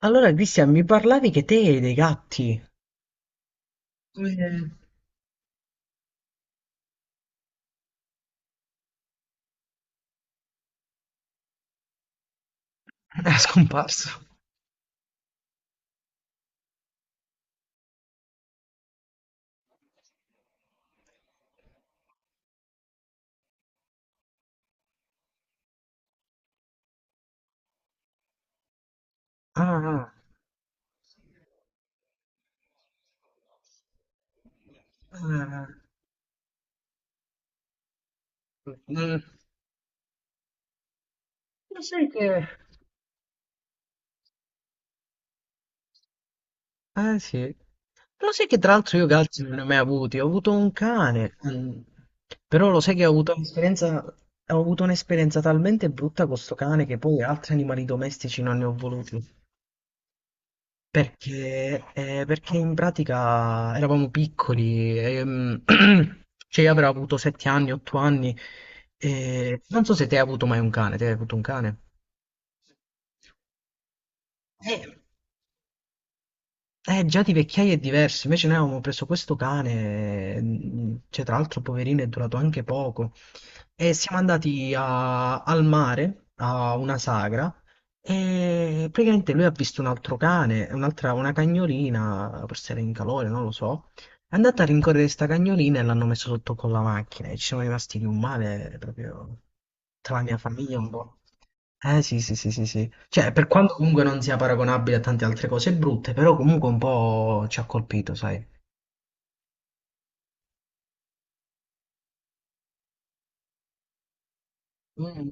Allora, Cristian, mi parlavi che te e dei gatti. Come è scomparso? Ah, ah, mm, lo sai che... Eh sì. Lo sai che tra l'altro io gatti non ne ho mai avuti. Ho avuto un cane. Però lo sai che ho avuto un'esperienza... Ho avuto un'esperienza talmente brutta con sto cane che poi altri animali domestici non ne ho voluti. Perché, perché in pratica eravamo piccoli, cioè io avrò avuto 7 anni, 8 anni, e non so se te hai avuto mai un cane, te hai avuto un cane? Eh, Eh, già di vecchiaia è diverso, invece noi avevamo preso questo cane, cioè tra l'altro poverino è durato anche poco, e siamo al mare, a una sagra, e praticamente lui ha visto un altro cane, un'altra, una cagnolina, forse era in calore, non lo so, è andata a rincorrere questa cagnolina e l'hanno messo sotto con la macchina, e ci siamo rimasti di un male proprio tra la mia famiglia un po'. Eh sì, sì, sì, sì, sì. Cioè, per quanto comunque non sia paragonabile a tante altre cose brutte, però comunque un po' ci ha colpito, sai. Mm.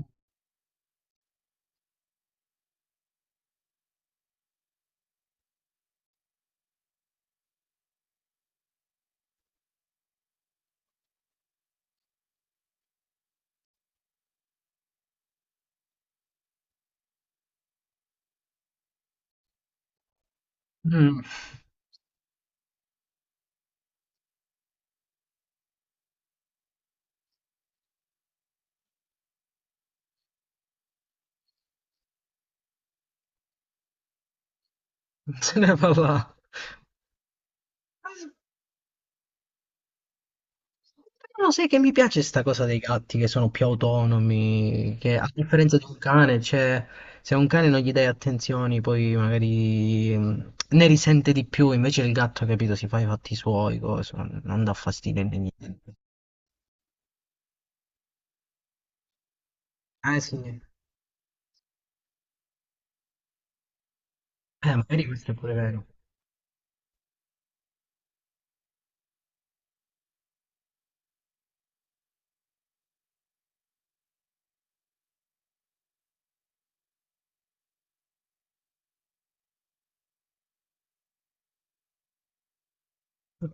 Mm. Se ne parla. Però sai che mi piace sta cosa dei gatti che sono più autonomi, che a differenza di un cane, cioè, se a un cane non gli dai attenzioni, poi magari ne risente di più, invece il gatto, capito, si fa i fatti suoi, cose, non dà fastidio né niente. Eh sì. Magari questo è pure vero.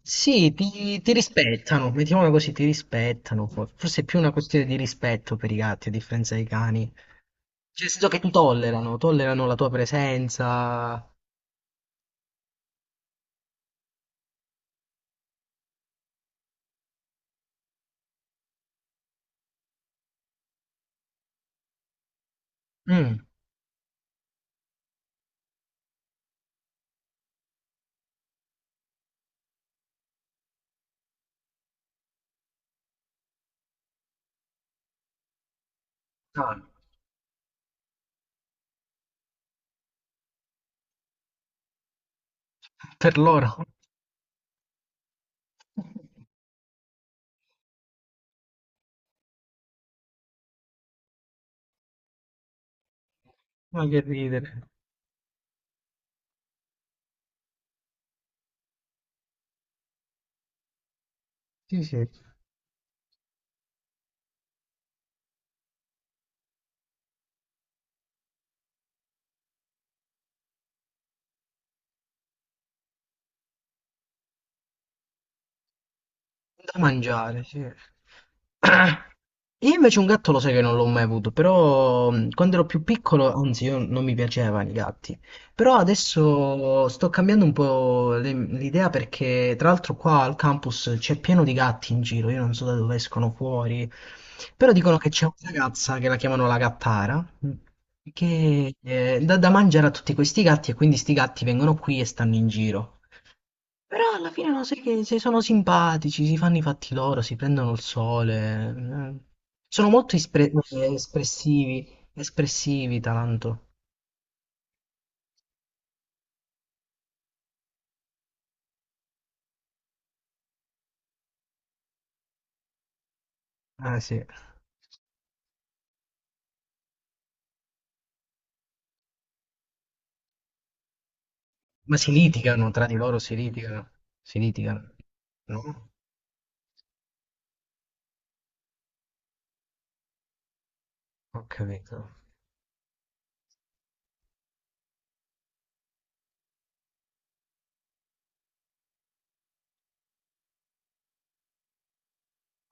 Sì, ti rispettano, mettiamola così, ti rispettano. Forse è più una questione di rispetto per i gatti, a differenza dei cani. Cioè, nel senso che ti tollerano, tollerano la tua presenza. Mm, ah, per loro. Ma che ridere. Sì, sì. Da mangiare, sì. Io invece un gatto lo sai che non l'ho mai avuto, però quando ero più piccolo, anzi io non mi piacevano i gatti, però adesso sto cambiando un po' l'idea perché tra l'altro qua al campus c'è pieno di gatti in giro, io non so da dove escono fuori, però dicono che c'è una ragazza che la chiamano la gattara, che dà da mangiare a tutti questi gatti e quindi sti gatti vengono qui e stanno in giro. Però alla fine no, sai che se sono simpatici, si fanno i fatti loro, si prendono il sole. Eh. Sono molto espressivi, espressivi Taranto. Ah sì. Ma si litigano tra di loro, si litigano. Si litigano. No? Ho capito.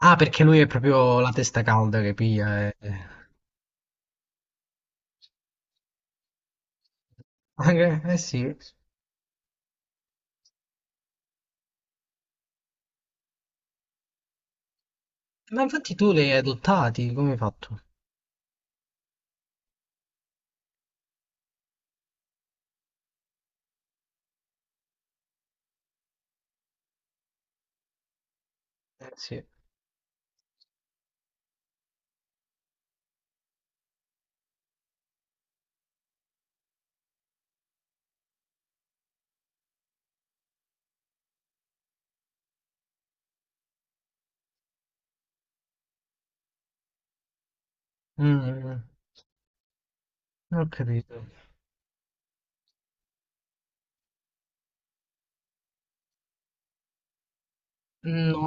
Ah, perché lui è proprio la testa calda che piglia. Eh. Anche- eh, sì. Ma infatti tu li hai adottati, come hai fatto? Eh sì. Mm, mm, mm. Ho capito. No,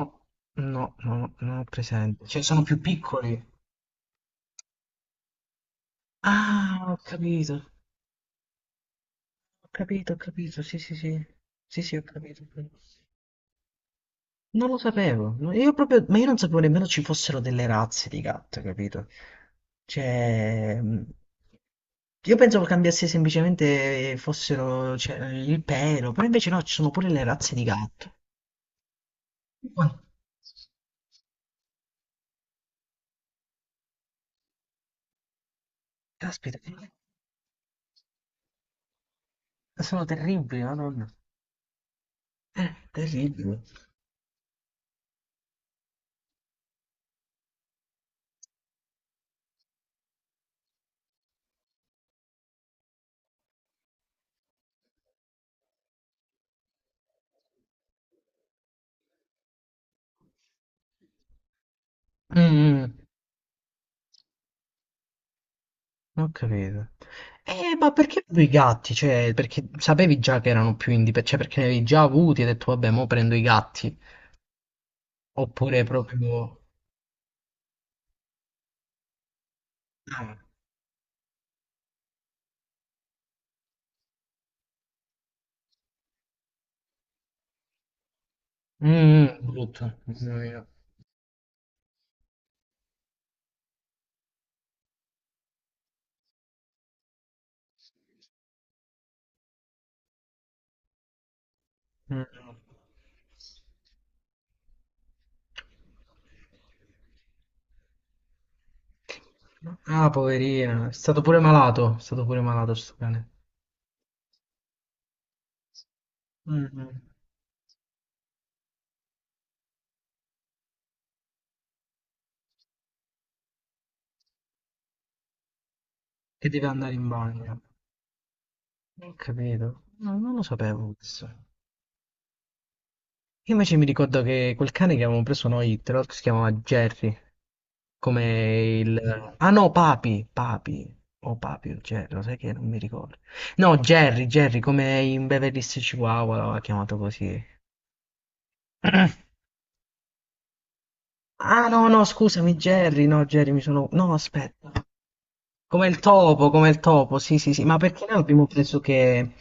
no, non ho presente. Cioè, sono più piccoli. Ah, ho capito, ho capito, ho capito, sì, sì, sì. Sì, sì, ho capito. Ho capito. Non lo sapevo, no, io proprio, ma io non sapevo nemmeno ci fossero delle razze di gatto, capito? Cioè, io pensavo cambiasse semplicemente fossero, cioè, il pelo, però invece no, ci sono pure le razze di gatto. Buono. Caspita, sono terribili, madonna. Terribili. Mm. Ho capito. Ma perché proprio i gatti? Cioè, perché sapevi già che erano più indipendenti, cioè perché ne avevi già avuti e hai detto, vabbè, mo prendo i gatti. Oppure proprio... Ah. Mm, mm, brutto. Mamma mia. Mm. Ah, poverina. È stato pure malato. È stato pure malato sto cane. Mm. Che deve andare in bagno. Ho capito. No, non lo sapevo questo. Io invece mi ricordo che quel cane che avevamo preso noi, tra l'altro si chiamava Jerry, come il... Ah no, Papi, Papi, o Papi o Jerry, lo sai che non mi ricordo. No, Jerry, Jerry, come in Beverly Hills Chihuahua l'aveva chiamato così. Ah no, no, scusami, Jerry, no, Jerry, mi sono... No, aspetta. Come il topo, sì, sì, sì, ma perché noi abbiamo preso che,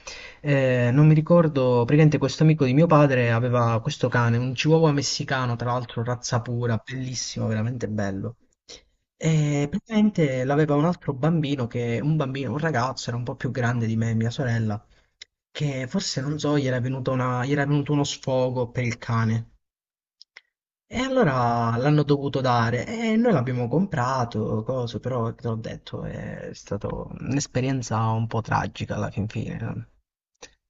non mi ricordo, praticamente questo amico di mio padre aveva questo cane, un chihuahua messicano, tra l'altro razza pura, bellissimo, veramente bello. E praticamente l'aveva un altro bambino che, un bambino, un ragazzo, era un po' più grande di me, mia sorella, che forse, non so, gli era venuto uno sfogo per il cane. E allora l'hanno dovuto dare e noi l'abbiamo comprato, coso, però te l'ho detto, è stata un'esperienza un po' tragica alla fin fine. No?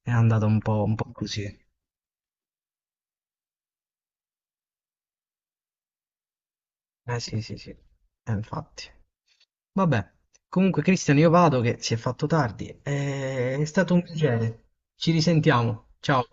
È andata un po' così. Eh sì, sì, sì, eh, infatti. Vabbè, comunque Cristian io vado che si è fatto tardi, eh, è stato un piacere. Ci risentiamo. Ciao.